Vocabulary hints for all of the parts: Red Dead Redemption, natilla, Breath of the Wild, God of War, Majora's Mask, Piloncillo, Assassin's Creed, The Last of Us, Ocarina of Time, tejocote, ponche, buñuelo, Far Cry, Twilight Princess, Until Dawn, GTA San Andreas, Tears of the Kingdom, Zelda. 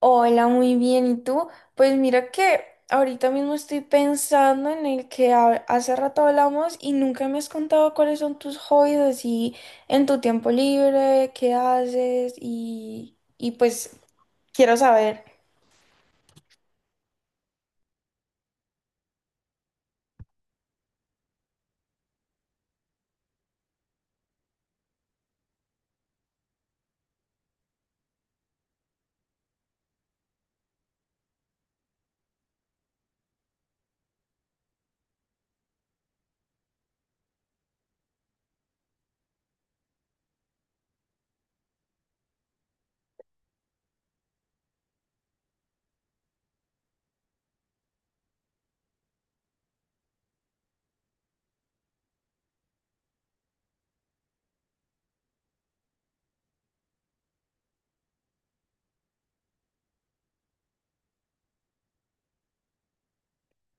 Hola, muy bien. ¿Y tú? Pues mira que ahorita mismo estoy pensando en el que hace rato hablamos y nunca me has contado cuáles son tus hobbies así en tu tiempo libre, qué haces y pues quiero saber.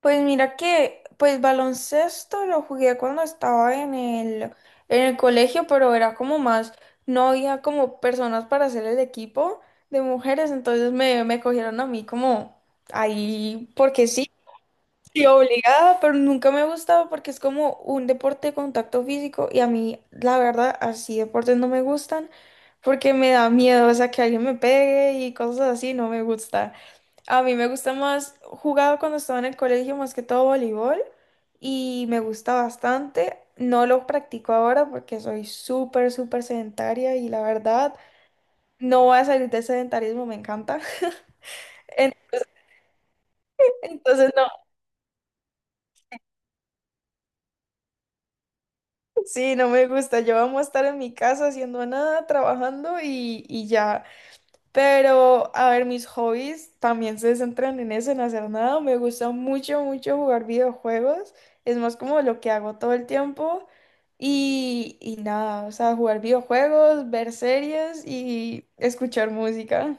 Pues mira que pues baloncesto lo jugué cuando estaba en el colegio, pero era como más, no había como personas para hacer el equipo de mujeres, entonces me cogieron a mí como ahí porque sí. Sí, obligada, pero nunca me ha gustado porque es como un deporte de contacto físico y a mí, la verdad, así deportes no me gustan porque me da miedo, o sea, que alguien me pegue y cosas así, no me gusta. A mí me gusta más, jugaba cuando estaba en el colegio, más que todo voleibol y me gusta bastante. No lo practico ahora porque soy súper, súper sedentaria y la verdad, no voy a salir de sedentarismo, me encanta. Entonces, no. Sí, no me gusta. Yo amo estar en mi casa haciendo nada, trabajando y ya. Pero, a ver, mis hobbies también se centran en eso, en hacer nada. Me gusta mucho, mucho jugar videojuegos. Es más como lo que hago todo el tiempo. Y nada, o sea, jugar videojuegos, ver series y escuchar música.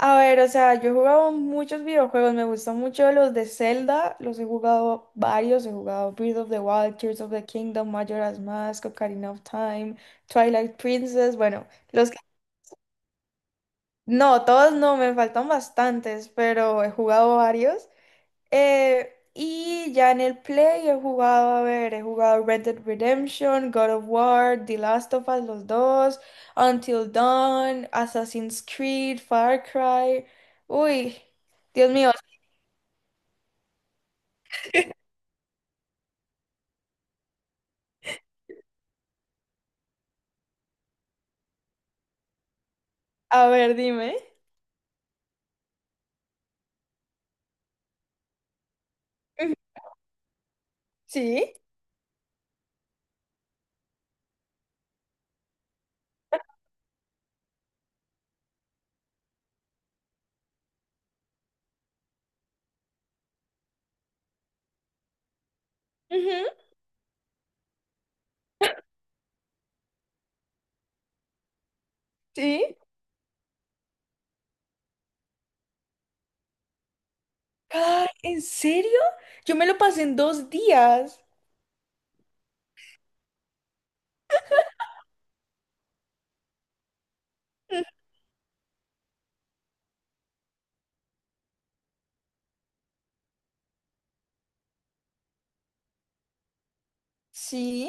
A ver, o sea, yo he jugado muchos videojuegos, me gustan mucho los de Zelda, los he jugado varios, he jugado Breath of the Wild, Tears of the Kingdom, Majora's Mask, Ocarina of Time, Twilight Princess, bueno, los que... No, todos no, me faltan bastantes, pero he jugado varios. Y ya en el Play he jugado, a ver, he jugado Red Dead Redemption, God of War, The Last of Us, los dos, Until Dawn, Assassin's Creed, Far Cry. Uy, Dios mío, a ver, dime. Ujú, sí, ujú, sí. Ay, ¿en serio? Yo me lo pasé en dos días. Ujú, sí.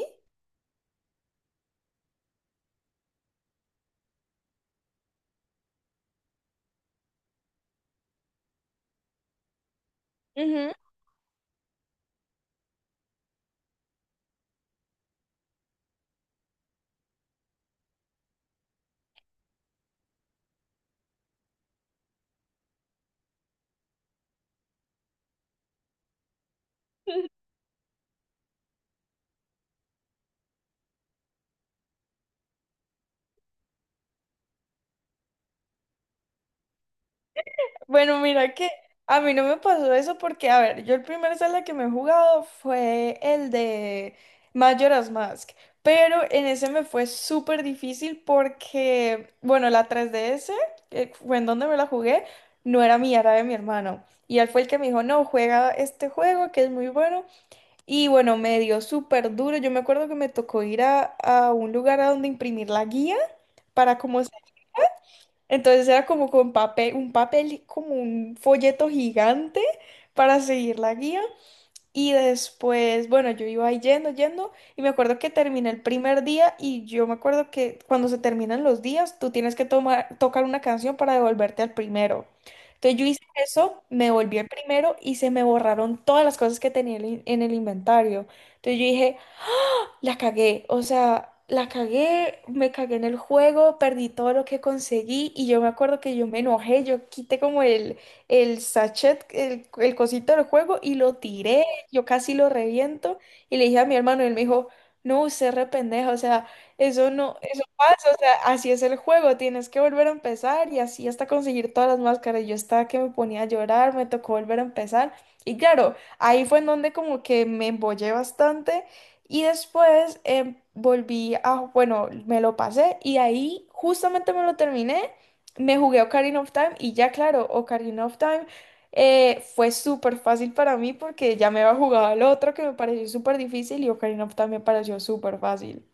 Bueno, mira que a mí no me pasó eso porque, a ver, yo el primer Zelda que me he jugado fue el de Majora's Mask, pero en ese me fue súper difícil porque, bueno, la 3DS, que fue en donde me la jugué, no era mía, era de mi hermano. Y él fue el que me dijo, no, juega este juego que es muy bueno. Y bueno, me dio súper duro. Yo me acuerdo que me tocó ir a un lugar a donde imprimir la guía para como, entonces era como con papel, un papel, como un folleto gigante para seguir la guía. Y después, bueno, yo iba ahí yendo, yendo, y me acuerdo que terminé el primer día y yo me acuerdo que cuando se terminan los días, tú tienes que tomar, tocar una canción para devolverte al primero. Entonces yo hice eso, me volví al primero y se me borraron todas las cosas que tenía en el inventario. Entonces yo dije, las cagué, o sea, las cagué, me cagué en el juego, perdí todo lo que conseguí y yo me acuerdo que yo me enojé, yo quité como el sachet, el cosito del juego y lo tiré, yo casi lo reviento y le dije a mi hermano y él me dijo, no, usted re pendeja, o sea, eso no, eso pasa, o sea, así es el juego, tienes que volver a empezar y así hasta conseguir todas las máscaras. Yo estaba que me ponía a llorar, me tocó volver a empezar y claro, ahí fue en donde como que me embollé bastante y después volví a, bueno, me lo pasé y ahí justamente me lo terminé, me jugué Ocarina of Time y ya claro, Ocarina of Time fue súper fácil para mí porque ya me había jugado al otro que me pareció súper difícil y Ocarina of Time me pareció súper fácil.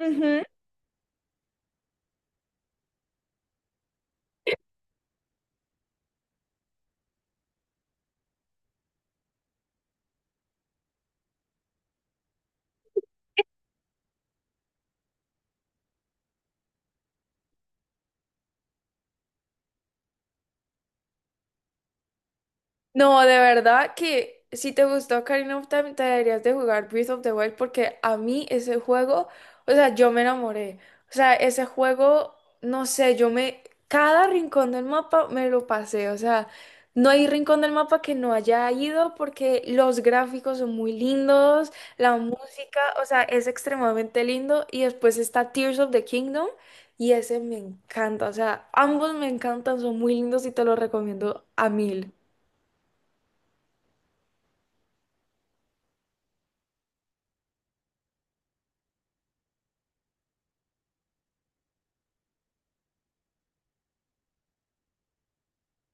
Ujú. No, de verdad que si te gustó Ocarina of Time, te deberías de jugar Breath of the Wild porque a mí ese juego, o sea, yo me enamoré. O sea, ese juego, no sé, yo me... Cada rincón del mapa me lo pasé. O sea, no hay rincón del mapa que no haya ido porque los gráficos son muy lindos, la música, o sea, es extremadamente lindo. Y después está Tears of the Kingdom y ese me encanta. O sea, ambos me encantan, son muy lindos y te los recomiendo a mil.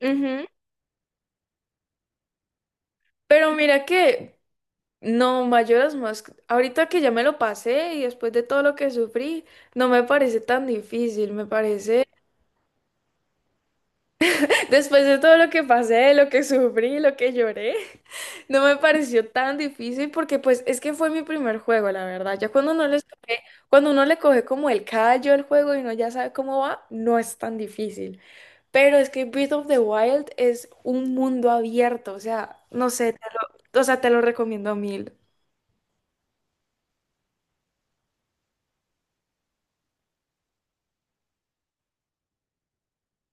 Ujú. Pero mira que, no, Majora's Mask, ahorita que ya me lo pasé y después de todo lo que sufrí, no me parece tan difícil, me parece, después de todo lo que pasé, lo que sufrí, lo que lloré, no me pareció tan difícil porque pues es que fue mi primer juego, la verdad. Ya cuando uno le coge como el callo al juego y uno ya sabe cómo va, no es tan difícil. Pero es que Breath of the Wild es un mundo abierto, o sea, no sé, o sea, te lo recomiendo a mil.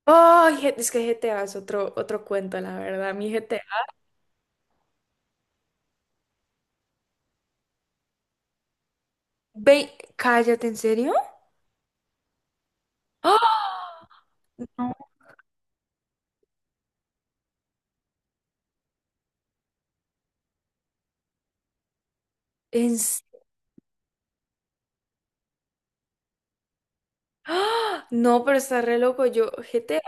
Ay, es que GTA es otro cuento, la verdad, mi GTA. Ve, cállate, ¿en serio? ¡Ah! No. En... s- ¡Ah! No, pero está re loco. Yo, GTA,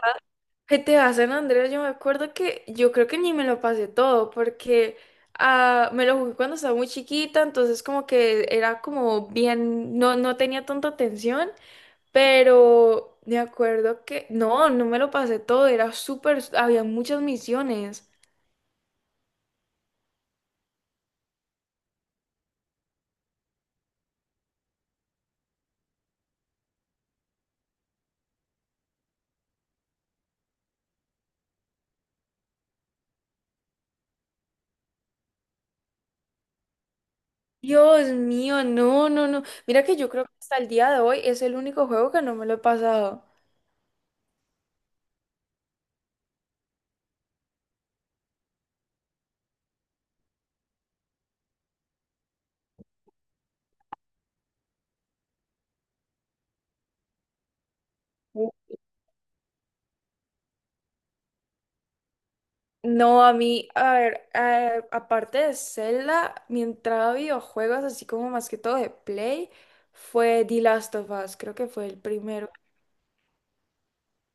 GTA San Andreas, yo me acuerdo que yo creo que ni me lo pasé todo porque me lo jugué cuando estaba muy chiquita, entonces como que era como bien, no, no tenía tanta atención, pero me acuerdo que no, no me lo pasé todo, era súper, había muchas misiones. Dios mío, no, no, no. Mira que yo creo que hasta el día de hoy es el único juego que no me lo he pasado. Uh. No, a mí, a ver, a aparte de Zelda, mi entrada a videojuegos, así como más que todo de Play, fue The Last of Us, creo que fue el primero.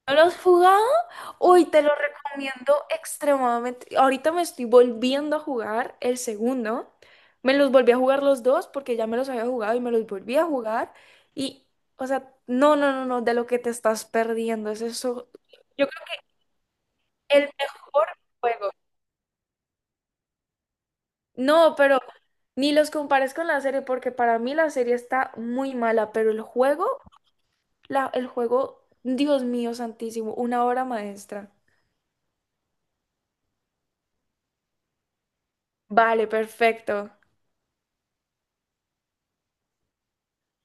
¿No lo has jugado? Uy, te lo recomiendo extremadamente. Ahorita me estoy volviendo a jugar el segundo. Me los volví a jugar los dos porque ya me los había jugado y me los volví a jugar. Y, o sea, no, no, no, no, de lo que te estás perdiendo. Es eso. Yo creo que el mejor juego. No, pero ni los compares con la serie porque para mí la serie está muy mala, pero el juego, el juego, Dios mío santísimo, una obra maestra. Vale, perfecto.